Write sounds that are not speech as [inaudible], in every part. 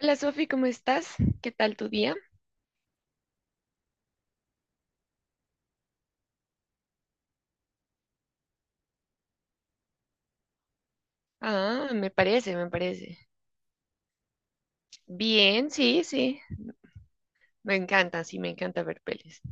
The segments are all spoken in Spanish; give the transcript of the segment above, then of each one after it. Hola Sofi, ¿cómo estás? ¿Qué tal tu día? Ah, me parece, me parece. Bien, sí, sí. Me encanta, sí, me encanta ver pelis.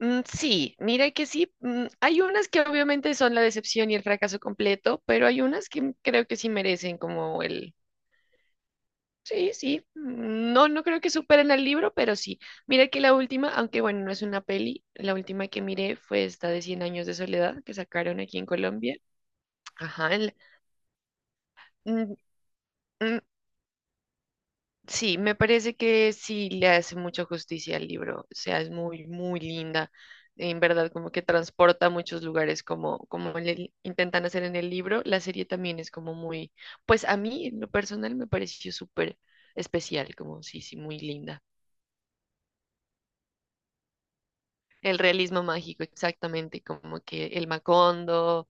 Mm, sí, mira que sí. Hay unas que obviamente son la decepción y el fracaso completo, pero hay unas que creo que sí merecen como el... Sí, sí. No, no creo que superen al libro, pero sí. Mira que la última, aunque bueno, no es una peli, la última que miré fue esta de Cien años de soledad que sacaron aquí en Colombia. Ajá, mm, mm, sí, me parece que sí le hace mucha justicia al libro, o sea, es muy muy linda, en verdad, como que transporta a muchos lugares como, como le intentan hacer en el libro, la serie también es como muy, pues a mí en lo personal me pareció súper especial, como sí, sí, muy linda. El realismo mágico, exactamente, como que el Macondo.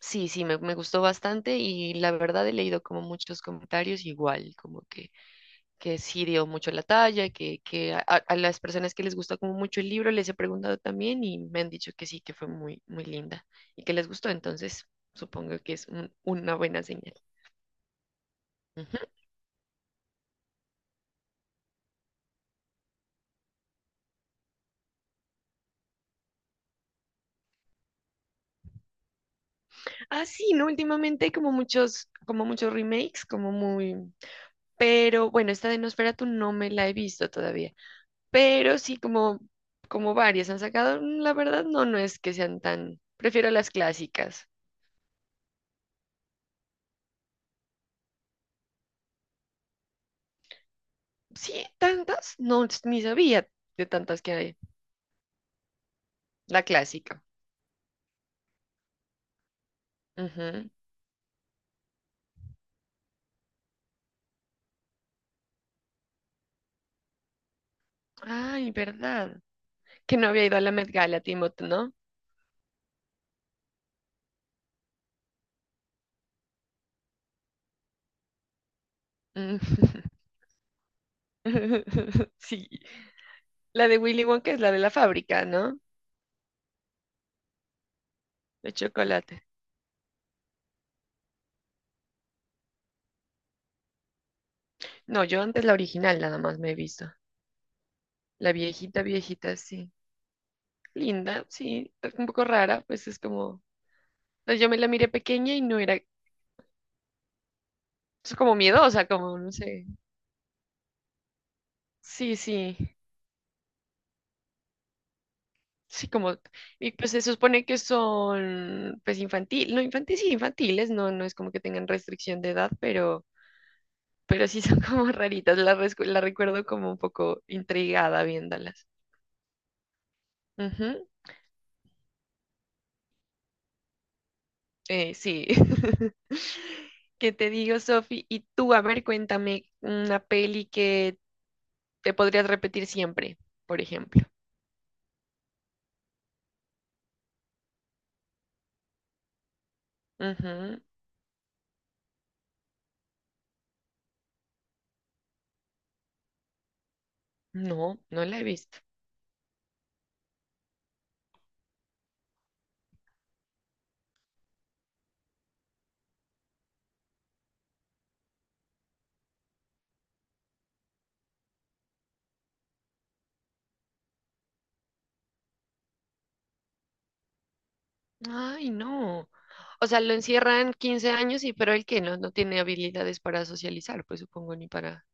Sí, sí, me gustó bastante y la verdad he leído como muchos comentarios igual, como que sí dio mucho la talla, que, a las personas que les gusta como mucho el libro les he preguntado también y me han dicho que sí, que fue muy muy linda y que les gustó, entonces supongo que es una buena señal. Ujú. Ah, sí, ¿no? Últimamente hay como muchos remakes, como muy... Pero bueno, esta de Nosferatu no me la he visto todavía, pero sí como, como varias han sacado. La verdad no, no es que sean tan, prefiero las clásicas. Sí, tantas, no, ni sabía de tantas que hay, la clásica. Ujú. Ay, verdad, que no había ido a la Met Gala, Timothy, ¿no? Mm. [laughs] Sí, la de Willy Wonka es la de la fábrica, ¿no? De chocolate. No, yo antes la original nada más me he visto. La viejita, viejita, sí. Linda, sí, un poco rara, pues es como... pues yo me la miré pequeña y no era, es como miedosa, como, no sé. Sí, sí. Sí, como, y pues se supone que son, pues infantil, no infantiles, sí, infantiles, no, no es como que tengan restricción de edad, pero sí son [laughs] como raritas, la recuerdo como un poco intrigada viéndolas. Ujú, sí. [laughs] ¿Qué te digo, Sofi? Y tú, a ver, cuéntame una peli que te podrías repetir siempre, por ejemplo. Ujú. No, no la he visto. Ay, no. O sea, lo encierran 15 años y pero el que no, no tiene habilidades para socializar, pues supongo, ni para...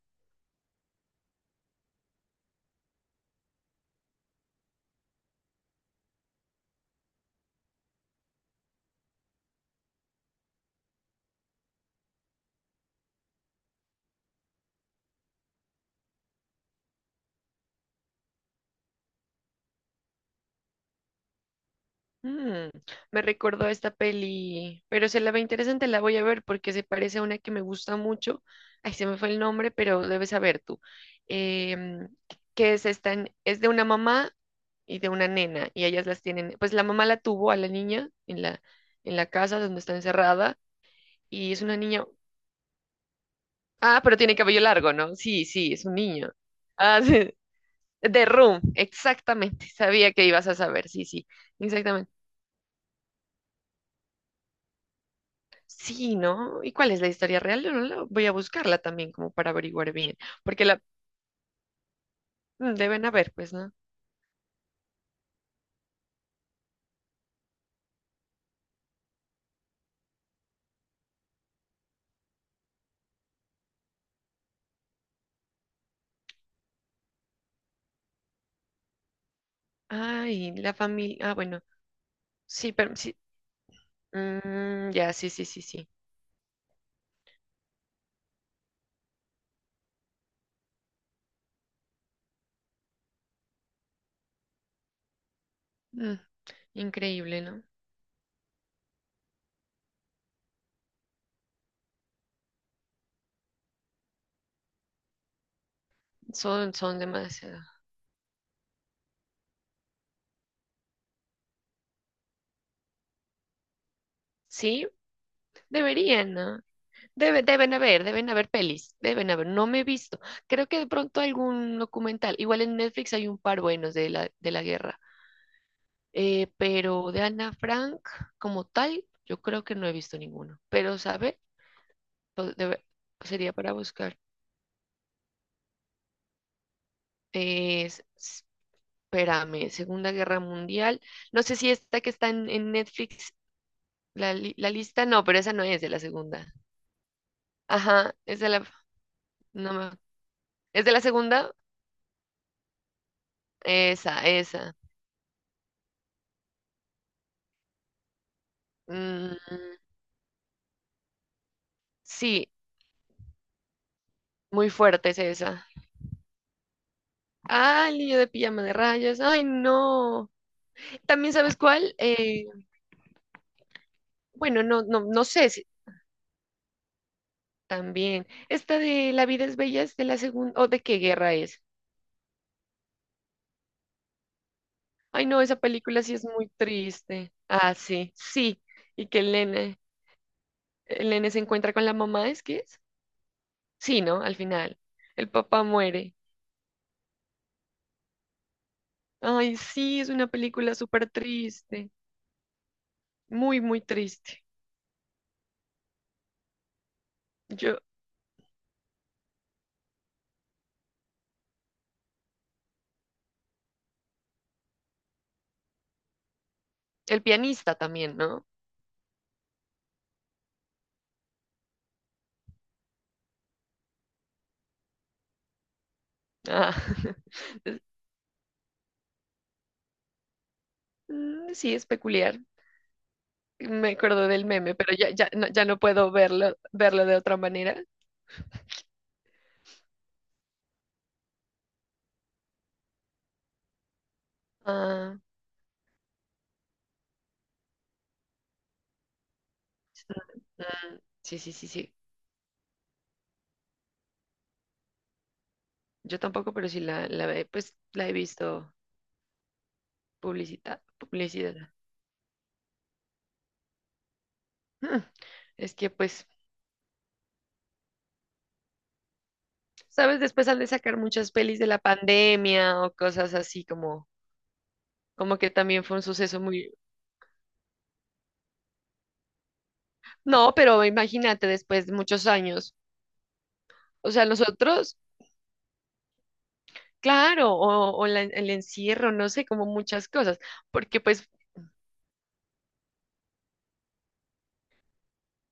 Mm, me recordó a esta peli, pero se la ve interesante, la voy a ver porque se parece a una que me gusta mucho. Ay, se me fue el nombre, pero debes saber tú. Em, ¿Que es esta? Es de una mamá y de una nena y ellas las tienen, pues la mamá la tuvo a la niña en la casa donde está encerrada y es una niña. Ah, pero tiene cabello largo, ¿no? Sí, sí, es un niño. Ah, [laughs] sí. The Room, exactamente. Sabía que ibas a saber, sí, sí, exactamente. Sí, ¿no? ¿Y cuál es la historia real? No, voy a buscarla también como para averiguar bien, porque la... Deben haber, pues, ¿no? Ay, la familia. Ah, bueno, sí, pero sí. Ya, sí, sí, sí, sí. Mm, increíble, ¿no? Son, son demasiado. Sí, deberían, ¿no? Deben haber, deben haber pelis, deben haber. No me he visto. Creo que de pronto algún documental. Igual en Netflix hay un par buenos de de la guerra. Pero de Ana Frank como tal, yo creo que no he visto ninguno. Pero, ¿sabe? Pues, sería para buscar. Es- Espérame, Segunda Guerra Mundial. No sé si esta que está en Netflix, la lista, no, pero esa no es de la segunda. Ajá, es de la, no me- ¿es de la segunda? Esa, esa. Mm, sí, muy fuerte es esa. Ah, el niño de pijama de rayas. Ay, no. También, ¿sabes cuál? Bueno, no, no, no sé si también. Esta de La vida es bella es de la segunda, o de qué guerra es. Ay, no, esa película sí es muy triste. Ah, sí, sí. Y que el nene se encuentra con la mamá, ¿es que es? Sí, ¿no? Al final. El papá muere. Ay, sí, es una película súper triste. Muy muy triste. Yo, el pianista también, ¿no? Ah. [laughs] Mm, sí, es peculiar. Me acuerdo del meme, pero ya, ya, no, ya no puedo verlo de otra manera. Ah, sí, sí, sí, sí. Yo tampoco, pero sí pues, la he visto publicidad, publicidad. Mm, es que, pues, sabes, después han de sacar muchas pelis de la pandemia o cosas así como, como que también fue un suceso muy... No, pero imagínate, después de muchos años. O sea, nosotros... Claro, el encierro, no sé, como muchas cosas, porque pues,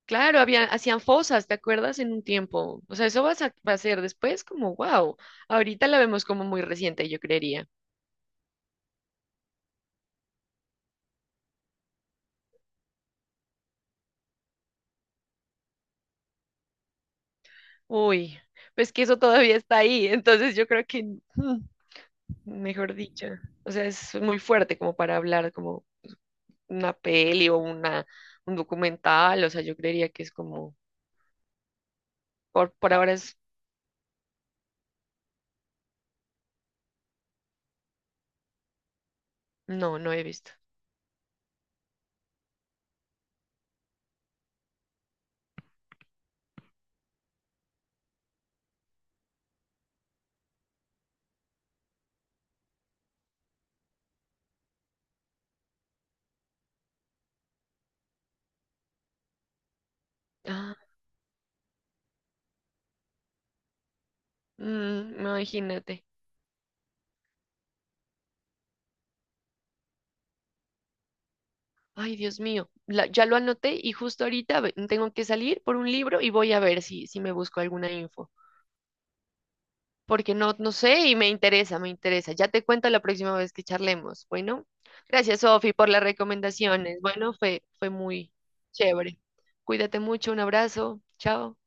claro, había, hacían fosas, ¿te acuerdas? En un tiempo, o sea, eso va a, va a ser después como, wow, ahorita la vemos como muy reciente, yo creería. Uy, pues que eso todavía está ahí, entonces yo creo que, mm, mejor dicho, o sea, es muy fuerte como para hablar como una peli o una, un documental, o sea, yo creería que es como, por ahora es, no, no he visto. Ah, imagínate. Ay, Dios mío, ya lo anoté y justo ahorita tengo que salir por un libro y voy a ver si, si me busco alguna info, porque no, no sé y me interesa, me interesa. Ya te cuento la próxima vez que charlemos. Bueno, gracias, Sofi, por las recomendaciones. Bueno, fue muy chévere. Cuídate mucho, un abrazo, chao.